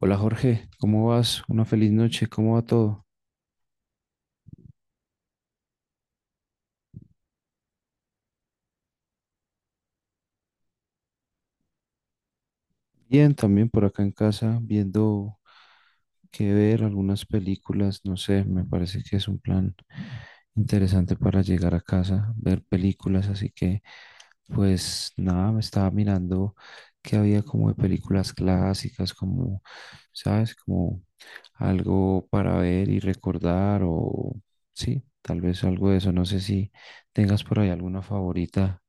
Hola Jorge, ¿cómo vas? Una feliz noche, ¿cómo va todo? Bien, también por acá en casa, viendo qué ver, algunas películas, no sé, me parece que es un plan interesante para llegar a casa, ver películas, así que pues nada, me estaba mirando que había como de películas clásicas, como, ¿sabes? Como algo para ver y recordar o sí, tal vez algo de eso, no sé si tengas por ahí alguna favorita.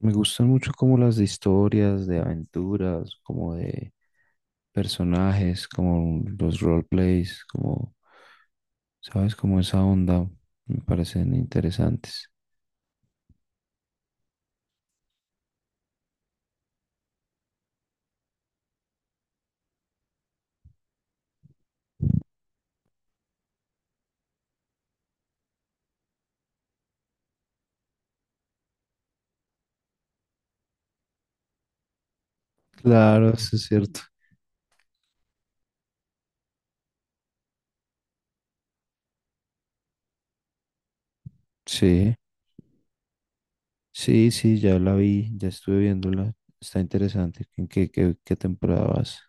Me gustan mucho como las de historias, de aventuras, como de personajes, como los roleplays, como, ¿sabes? Como esa onda me parecen interesantes. Claro, eso es cierto. Sí, sí, sí, ya la vi, ya estuve viéndola. Está interesante. ¿En qué temporada vas?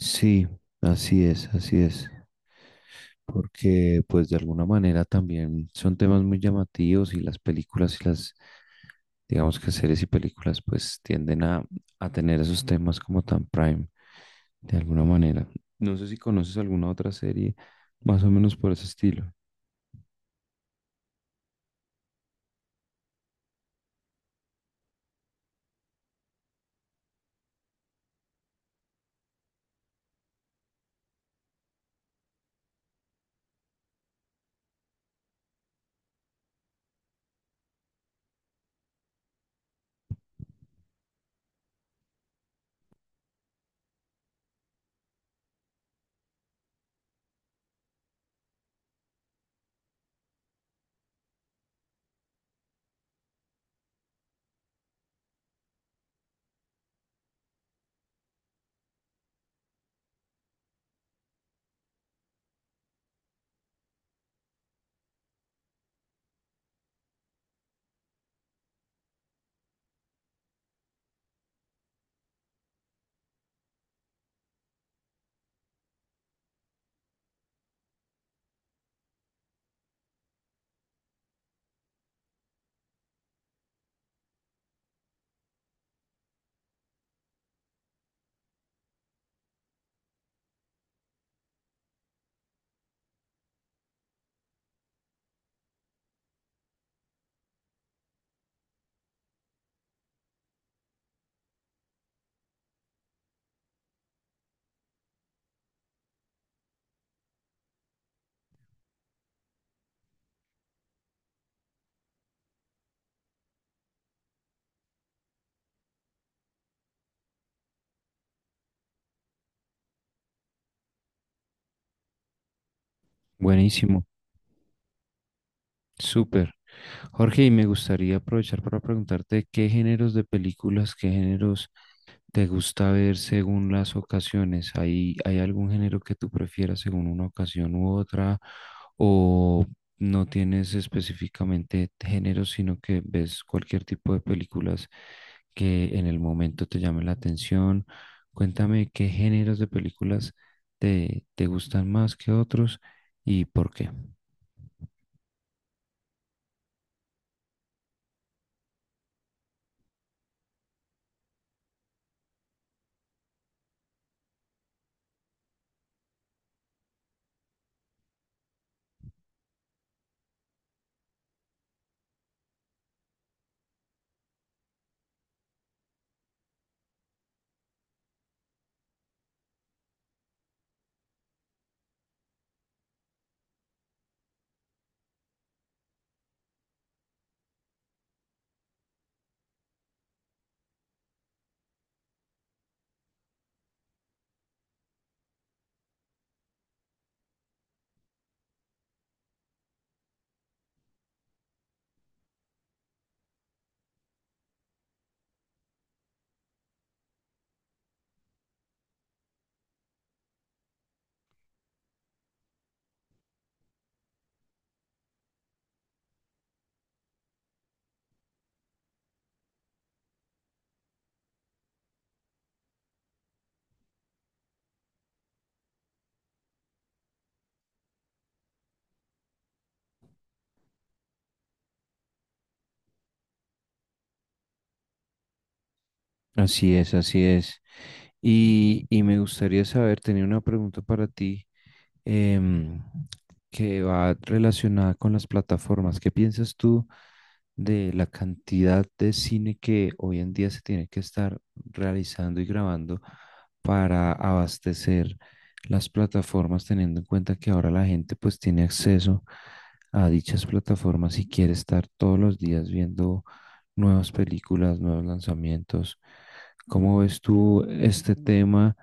Sí, así es, así es. Porque pues de alguna manera también son temas muy llamativos y las películas y las digamos que series y películas pues tienden a tener esos temas como tan prime de alguna manera. No sé si conoces alguna otra serie más o menos por ese estilo. Buenísimo, súper. Jorge, y me gustaría aprovechar para preguntarte qué géneros de películas, qué géneros te gusta ver según las ocasiones. ¿Hay algún género que tú prefieras según una ocasión u otra? ¿O no tienes específicamente géneros, sino que ves cualquier tipo de películas que en el momento te llame la atención? Cuéntame qué géneros de películas te gustan más que otros y por qué. Así es, así es. Y me gustaría saber, tenía una pregunta para ti em, que va relacionada con las plataformas. ¿Qué piensas tú de la cantidad de cine que hoy en día se tiene que estar realizando y grabando para abastecer las plataformas, teniendo en cuenta que ahora la gente pues tiene acceso a dichas plataformas y quiere estar todos los días viendo nuevas películas, nuevos lanzamientos? ¿Cómo ves tú este tema?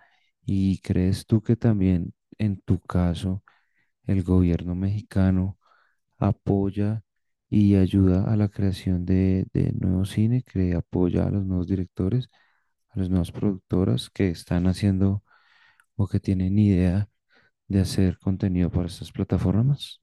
¿Y crees tú que también en tu caso, el gobierno mexicano apoya y ayuda a la creación de nuevo cine, que apoya a los nuevos directores, a las nuevas productoras que están haciendo o que tienen idea de hacer contenido para estas plataformas?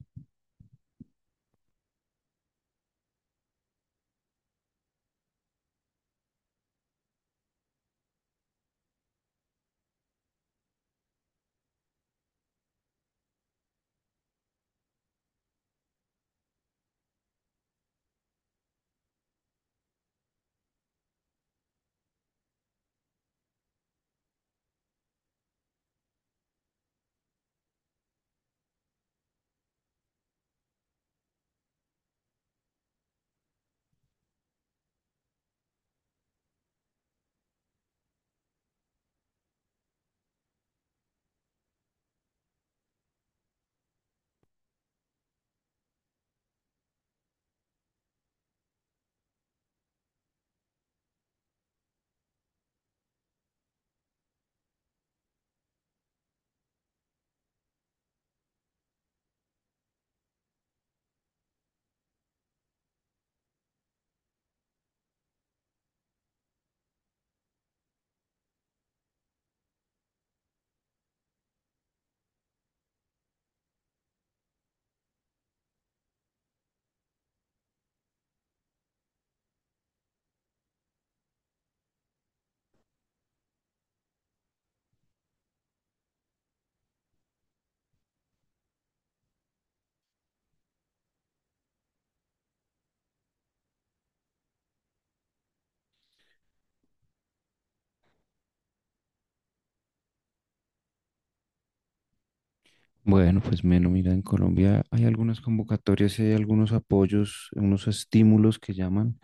Bueno, pues menos, mira, en Colombia hay algunas convocatorias y hay algunos apoyos, unos estímulos que llaman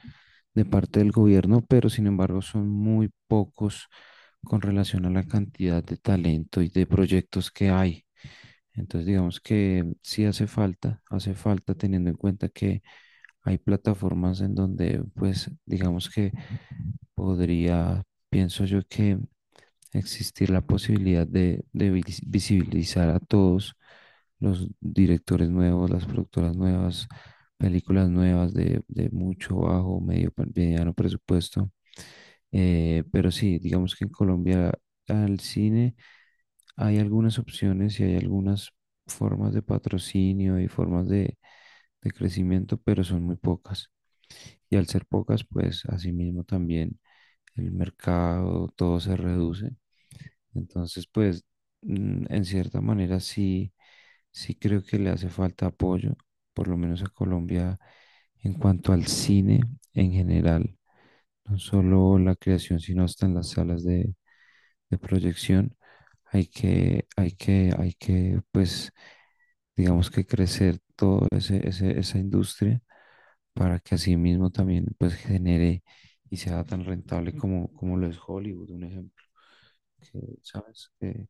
de parte del gobierno, pero sin embargo son muy pocos con relación a la cantidad de talento y de proyectos que hay. Entonces, digamos que sí hace falta teniendo en cuenta que hay plataformas en donde, pues, digamos que podría, pienso yo que existir la posibilidad de visibilizar a todos los directores nuevos, las productoras nuevas, películas nuevas de mucho, bajo, medio, mediano presupuesto. Pero sí, digamos que en Colombia al cine hay algunas opciones y hay algunas formas de patrocinio y formas de crecimiento, pero son muy pocas. Y al ser pocas, pues asimismo también el mercado, todo se reduce entonces, pues, en cierta manera sí, sí creo que le hace falta apoyo, por lo menos a Colombia en cuanto al cine en general, no solo la creación, sino hasta en las salas de proyección. Pues, digamos que crecer todo esa industria para que así mismo también pues genere y sea tan rentable como, como lo es Hollywood, un ejemplo, que sabes que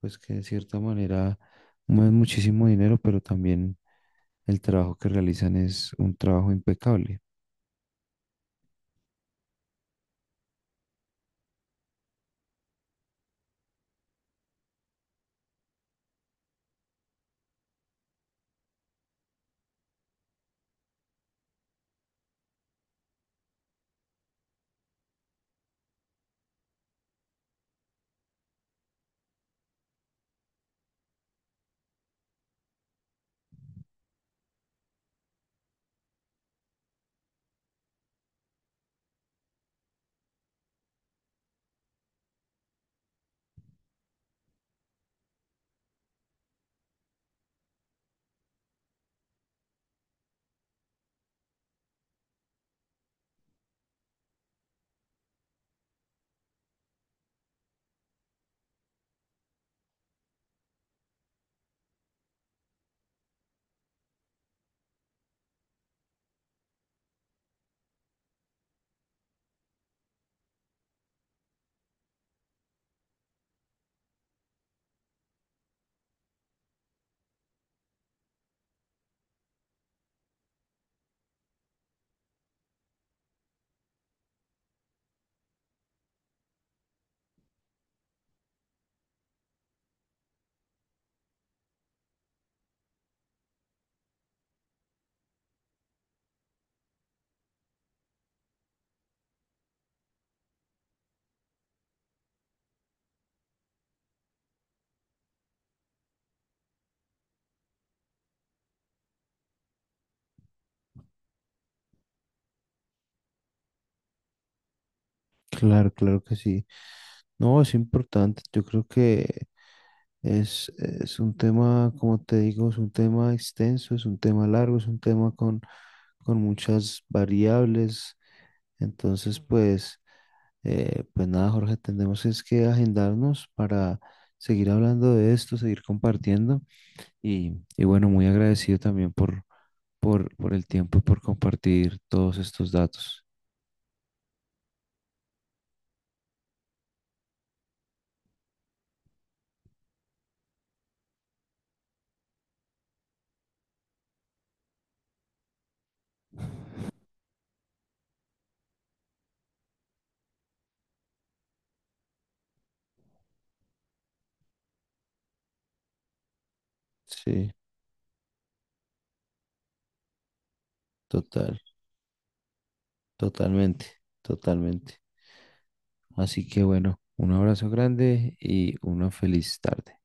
pues que de cierta manera mueven muchísimo dinero, pero también el trabajo que realizan es un trabajo impecable. Claro, claro que sí. No, es importante. Yo creo que es un tema, como te digo, es un tema extenso, es un tema largo, es un tema con muchas variables. Entonces, pues, pues nada, Jorge, tenemos es que agendarnos para seguir hablando de esto, seguir compartiendo. Y bueno, muy agradecido también por el tiempo y por compartir todos estos datos. Sí, total, totalmente, totalmente. Así que bueno, un abrazo grande y una feliz tarde.